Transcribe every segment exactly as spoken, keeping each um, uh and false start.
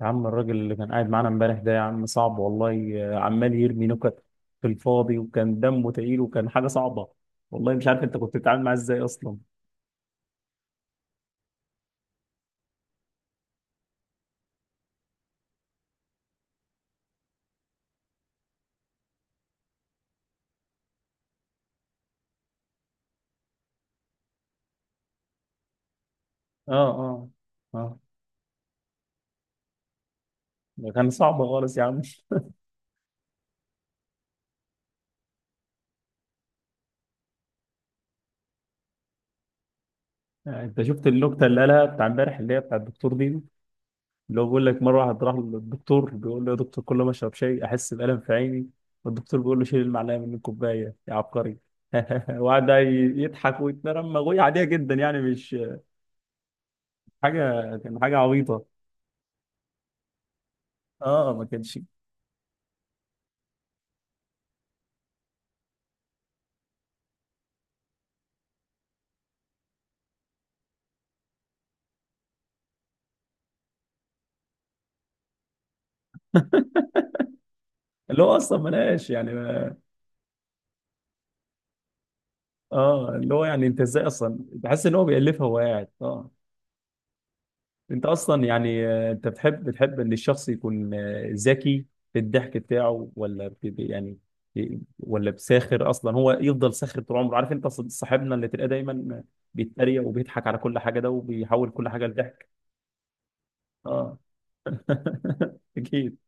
يا عم الراجل اللي كان قاعد معانا امبارح ده، يا عم صعب والله. آه، عمال يرمي نكت في الفاضي، وكان دمه تقيل، وكان حاجة صعبة. والله مش عارف انت كنت بتتعامل معاه ازاي اصلا. اه، اه، اه، ده كان صعب خالص يا عم. آه، انت شفت النكتة اللي قالها بتاع امبارح، اللي هي بتاع الدكتور دي؟ اللي هو بيقول لك: مرة واحد راح للدكتور بيقول له: يا دكتور، كل ما اشرب شاي احس بألم في عيني. والدكتور بيقول له: شيل المعلقة من الكوباية يا عبقري. وقعد بقى يضحك ويتنرمغ، وهي عادية جدا يعني، مش حاجة. كان حاجة عبيطة. اه، ما كانش اللي هو اصلا ملهاش يعني ما... اه، اللي هو يعني انت ازاي اصلا بحس ان هو بيألفها وهو قاعد؟ اه. انت اصلا يعني، آه، انت بتحب بتحب ان الشخص يكون آه، ذكي في الضحك بتاعه، ولا ب... ب- يعني ب- ولا بساخر اصلا؟ هو يفضل ساخر طول عمره. عارف انت، ص- صاحبنا اللي تلاقيه دايما بيتريق وبيضحك على كل حاجه ده، وبيحول كل حاجه لضحك. اه. اكيد.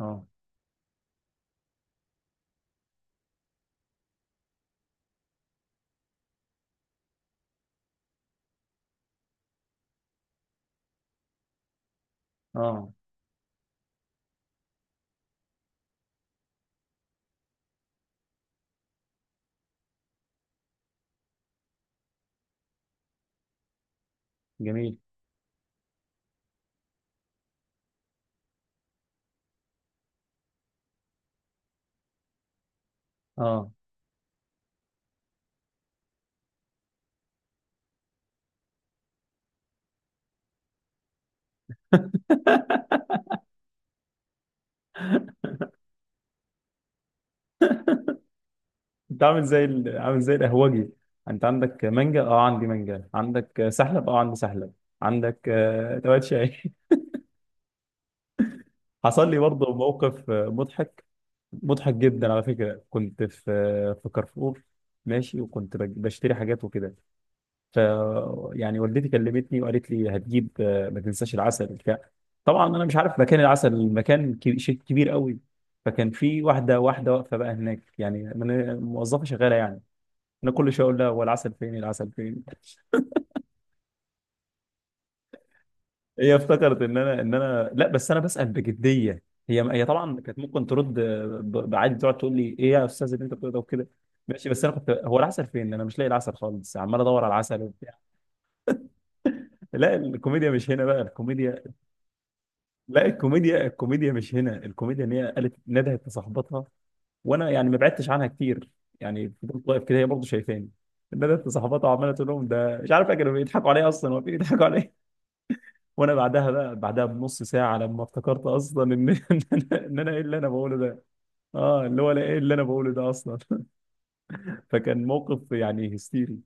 اه، اه، جميل. اه، انت عامل زي ال... عامل زي القهوجي. انت عندك مانجا؟ اه عندي مانجا. عندك سحلب؟ اه عندي سحلب. عندك آه، توات شاي؟ حصل لي برضه موقف آه، مضحك. مضحك جدا على فكره. كنت في آه، في كارفور ماشي، وكنت بج- بشتري حاجات وكده. ف يعني والدتي كلمتني وقالت لي: هتجيب، آه، ما تنساش العسل بتاع. طبعا انا مش عارف مكان العسل، المكان كبير، شيء كبير قوي. فكان في واحده واحده واقفه بقى هناك يعني، من- موظفه شغاله يعني. انا كل شويه اقول لها: هو العسل فين؟ العسل فين؟ هي افتكرت ان انا، ان انا، لا بس انا بسال بجديه. هي هي طبعا كانت ممكن ترد ب- بعادي، تقعد تقول لي: ايه يا استاذ اللي انت بتقوله ده وكده؟ ماشي. بس انا كنت: هو العسل فين؟ انا مش لاقي العسل خالص، عمال ادور على العسل وبتاع. لا الكوميديا مش هنا بقى، الكوميديا... لا الكوميديا، الكوميديا مش هنا، الكوميديا ان هي قالت، ندهت لصاحبتها، وانا يعني ما بعدتش عنها كتير يعني، فضلت واقف كده، هي برضه شايفاني. ندهت لصاحبتها وعماله تقول لهم: ده مش عارف إيه، كانوا بيضحكوا عليا اصلا، هو في بيضحكوا عليا. وانا بعدها بقى، بعدها بنص ساعه، لما افتكرت اصلا ان ان انا، إن أنا ايه اللي انا بقوله ده. اه، اللي هو أنا ايه اللي انا بقوله ده اصلا. فكان موقف يعني هستيري.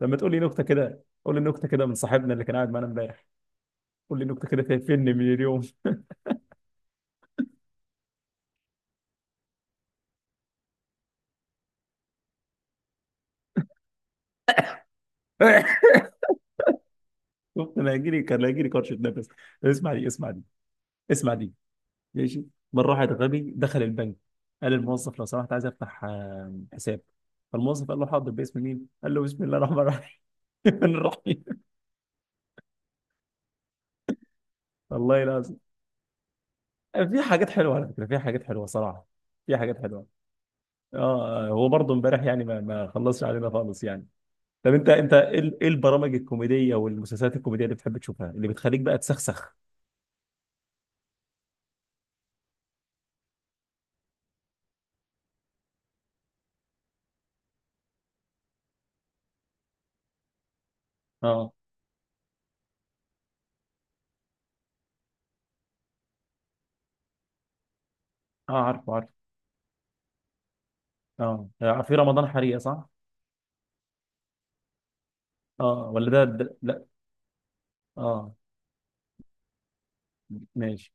لما تقول لي نكته كده، قول لي نكته كده من صاحبنا اللي كان قاعد معانا امبارح. قول لي نكته كده فيني من اليوم. شفت، انا هيجي لي، كان هيجي لي كرشه نفس. اسمع دي، اسمع دي، اسمع دي. ماشي. مره واحد غبي دخل البنك، قال الموظف: لو سمحت، عايز افتح آه، حساب. فالموظف قال له: حاضر، باسم مين؟ قال له: بسم الله الرحمن الرحيم. الرحيم. والله لا. في حاجات حلوه على فكره، في حاجات حلوه صراحه، في حاجات حلوه. اه، هو برضه امبارح يعني ما ما خلصش علينا خالص يعني. طب انت، انت ايه ال- إيه البرامج الكوميديه والمسلسلات الكوميديه اللي بتحب تشوفها، اللي بتخليك بقى تسخسخ؟ اه. اه، عارف عارف. اه، آه، في رمضان حريقه صح. اه ولا ده, ده لا. اه. ماشي.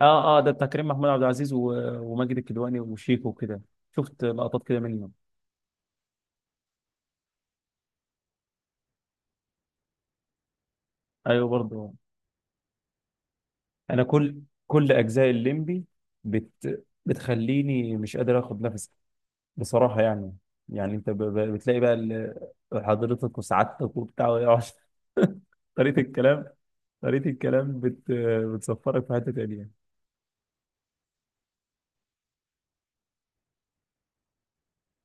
اه، اه، ده بتاع كريم محمود عبد العزيز، و- وماجد الكدواني وشيكو وكده. شفت لقطات كده منه. ايوه برضه. انا كل، كل اجزاء الليمبي بت بتخليني مش قادر اخد نفسي بصراحة يعني. يعني انت ب- ب- بتلاقي بقى ال- حضرتك وسعادتك وبتاع ويقعد- طريقة الكلام، طريقة الكلام بت بتسفرك في حتة تانية.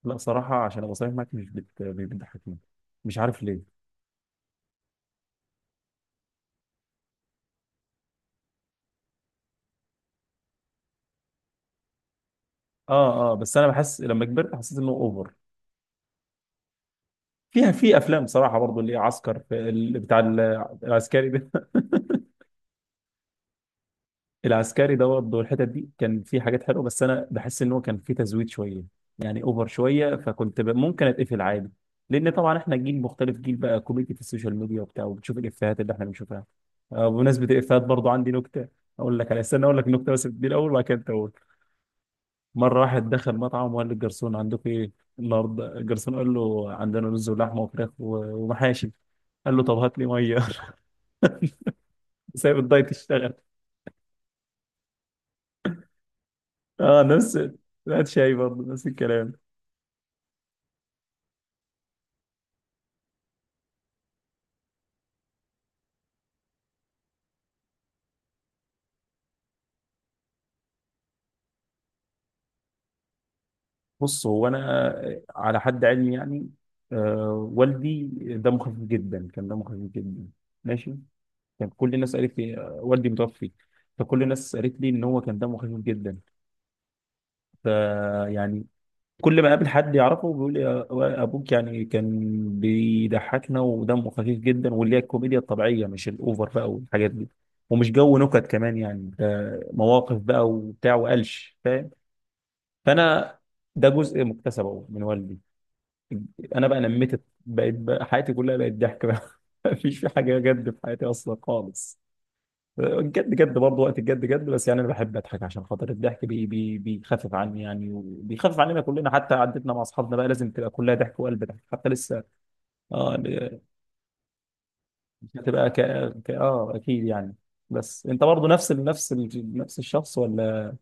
لا صراحة، عشان ابقى صريح معاك، مش بت مش بتضحكني. مش عارف ليه. اه. اه بس انا بحس لما كبرت حسيت انه اوفر فيها. في افلام صراحة برضو اللي هي عسكر في ال- بتاع ال- العسكري ده. العسكري ده برضه والحتت دي كان في حاجات حلوه، بس انا بحس ان هو كان في تزويد شويه يعني، اوفر شويه، فكنت ب... ممكن اتقفل عادي. لان طبعا احنا جيل مختلف، جيل بقى كوميديا في السوشيال ميديا وبتاع، وبتشوف الافيهات اللي احنا بنشوفها. آه، بمناسبه الافيهات برضه عندي نكته. اقول لك على، استنى اقول لك نكته بس دي الاول، وبعد كده أنت قول. مره واحد دخل مطعم وقال للجرسون: عندكم ايه النهارده؟ الجرسون قال له: عندنا رز ولحمه وفراخ و- ومحاشي. قال له: طب هات لي ميه. سايب الدايت يشتغل. اه نفس. لا شاي برضه نفس الكلام. بص هو انا على حد علمي يعني، آه والدي دمه خفيف جدا، كان دمه خفيف جدا. ماشي. كان كل الناس قالت لي، آه، والدي متوفي، فكل الناس قالت لي ان هو كان دمه خفيف جدا. فيعني كل ما اقابل حد يعرفه بيقول لي: آه، ابوك يعني كان بيضحكنا ودمه خفيف جدا، واللي هي الكوميديا الطبيعيه، مش الاوفر بقى والحاجات دي، ومش جو نكت كمان يعني، ده مواقف بقى وبتاع وقلش فاهم. فانا ده جزء مكتسب أهو من والدي. انا بقى نميت، بقيت بقى حياتي كلها بقت ضحك بقى. مفيش في حاجه جد في حياتي اصلا خالص، الجد جد برضه وقت الجد جد، بس يعني انا بحب اضحك عشان خاطر الضحك، بي بي بيخفف عني يعني، وبيخفف عننا كلنا، حتى عدتنا مع اصحابنا بقى لازم تبقى كلها ضحك وقلب ضحك حتى لسه. اه، ل- مش هتبقى ك... ك... اه اكيد يعني. بس انت برضه نفس ال... نفس ال... نفس الشخص، ولا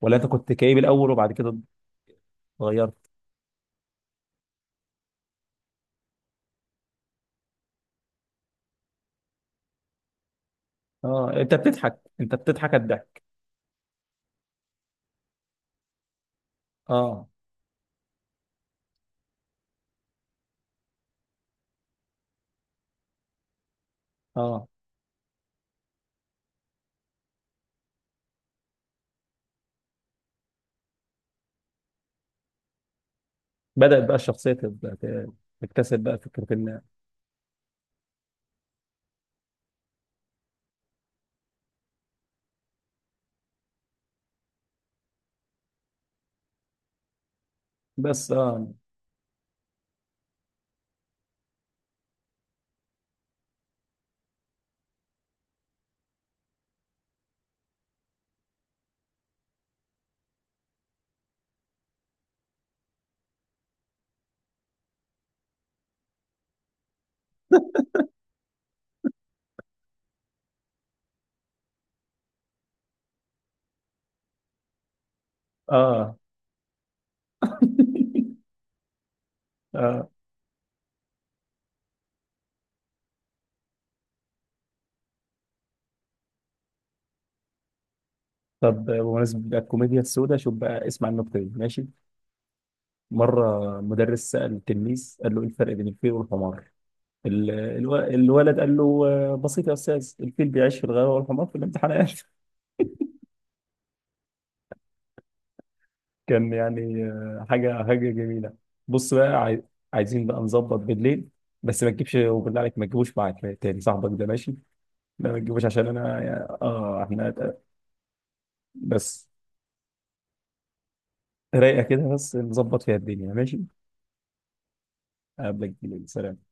ولا انت كنت كئيب الاول وبعد كده اتغيرت؟ اه انت بتضحك، انت بتضحك الضحك. اه. اه بدأت بقى الشخصية تبقى- ت- تكتسب بقى فكرة إن، بس آه. آه. آه طب بمناسبة بقى الكوميديا السوداء، شوف بقى اسمع النكتة دي ماشي. مرة مدرس سأل التلميذ قال له: إيه الفرق بين الفيل والحمار؟ ال- الو- الولد قال له: آه، بسيط يا أستاذ، الفيل بيعيش في الغابة والحمار في الامتحانات. كان يعني آه، حاجة حاجة جميلة. بص بقى عاي- عايزين بقى نظبط بالليل. بس ما تجيبش، وبالله عليك ما تجيبوش معاك تاني صاحبك ده، ماشي؟ لا ما تجيبوش، عشان انا اه احنا بس رايقه كده، بس نظبط فيها الدنيا، ماشي. اقابلك بالليل، سلام.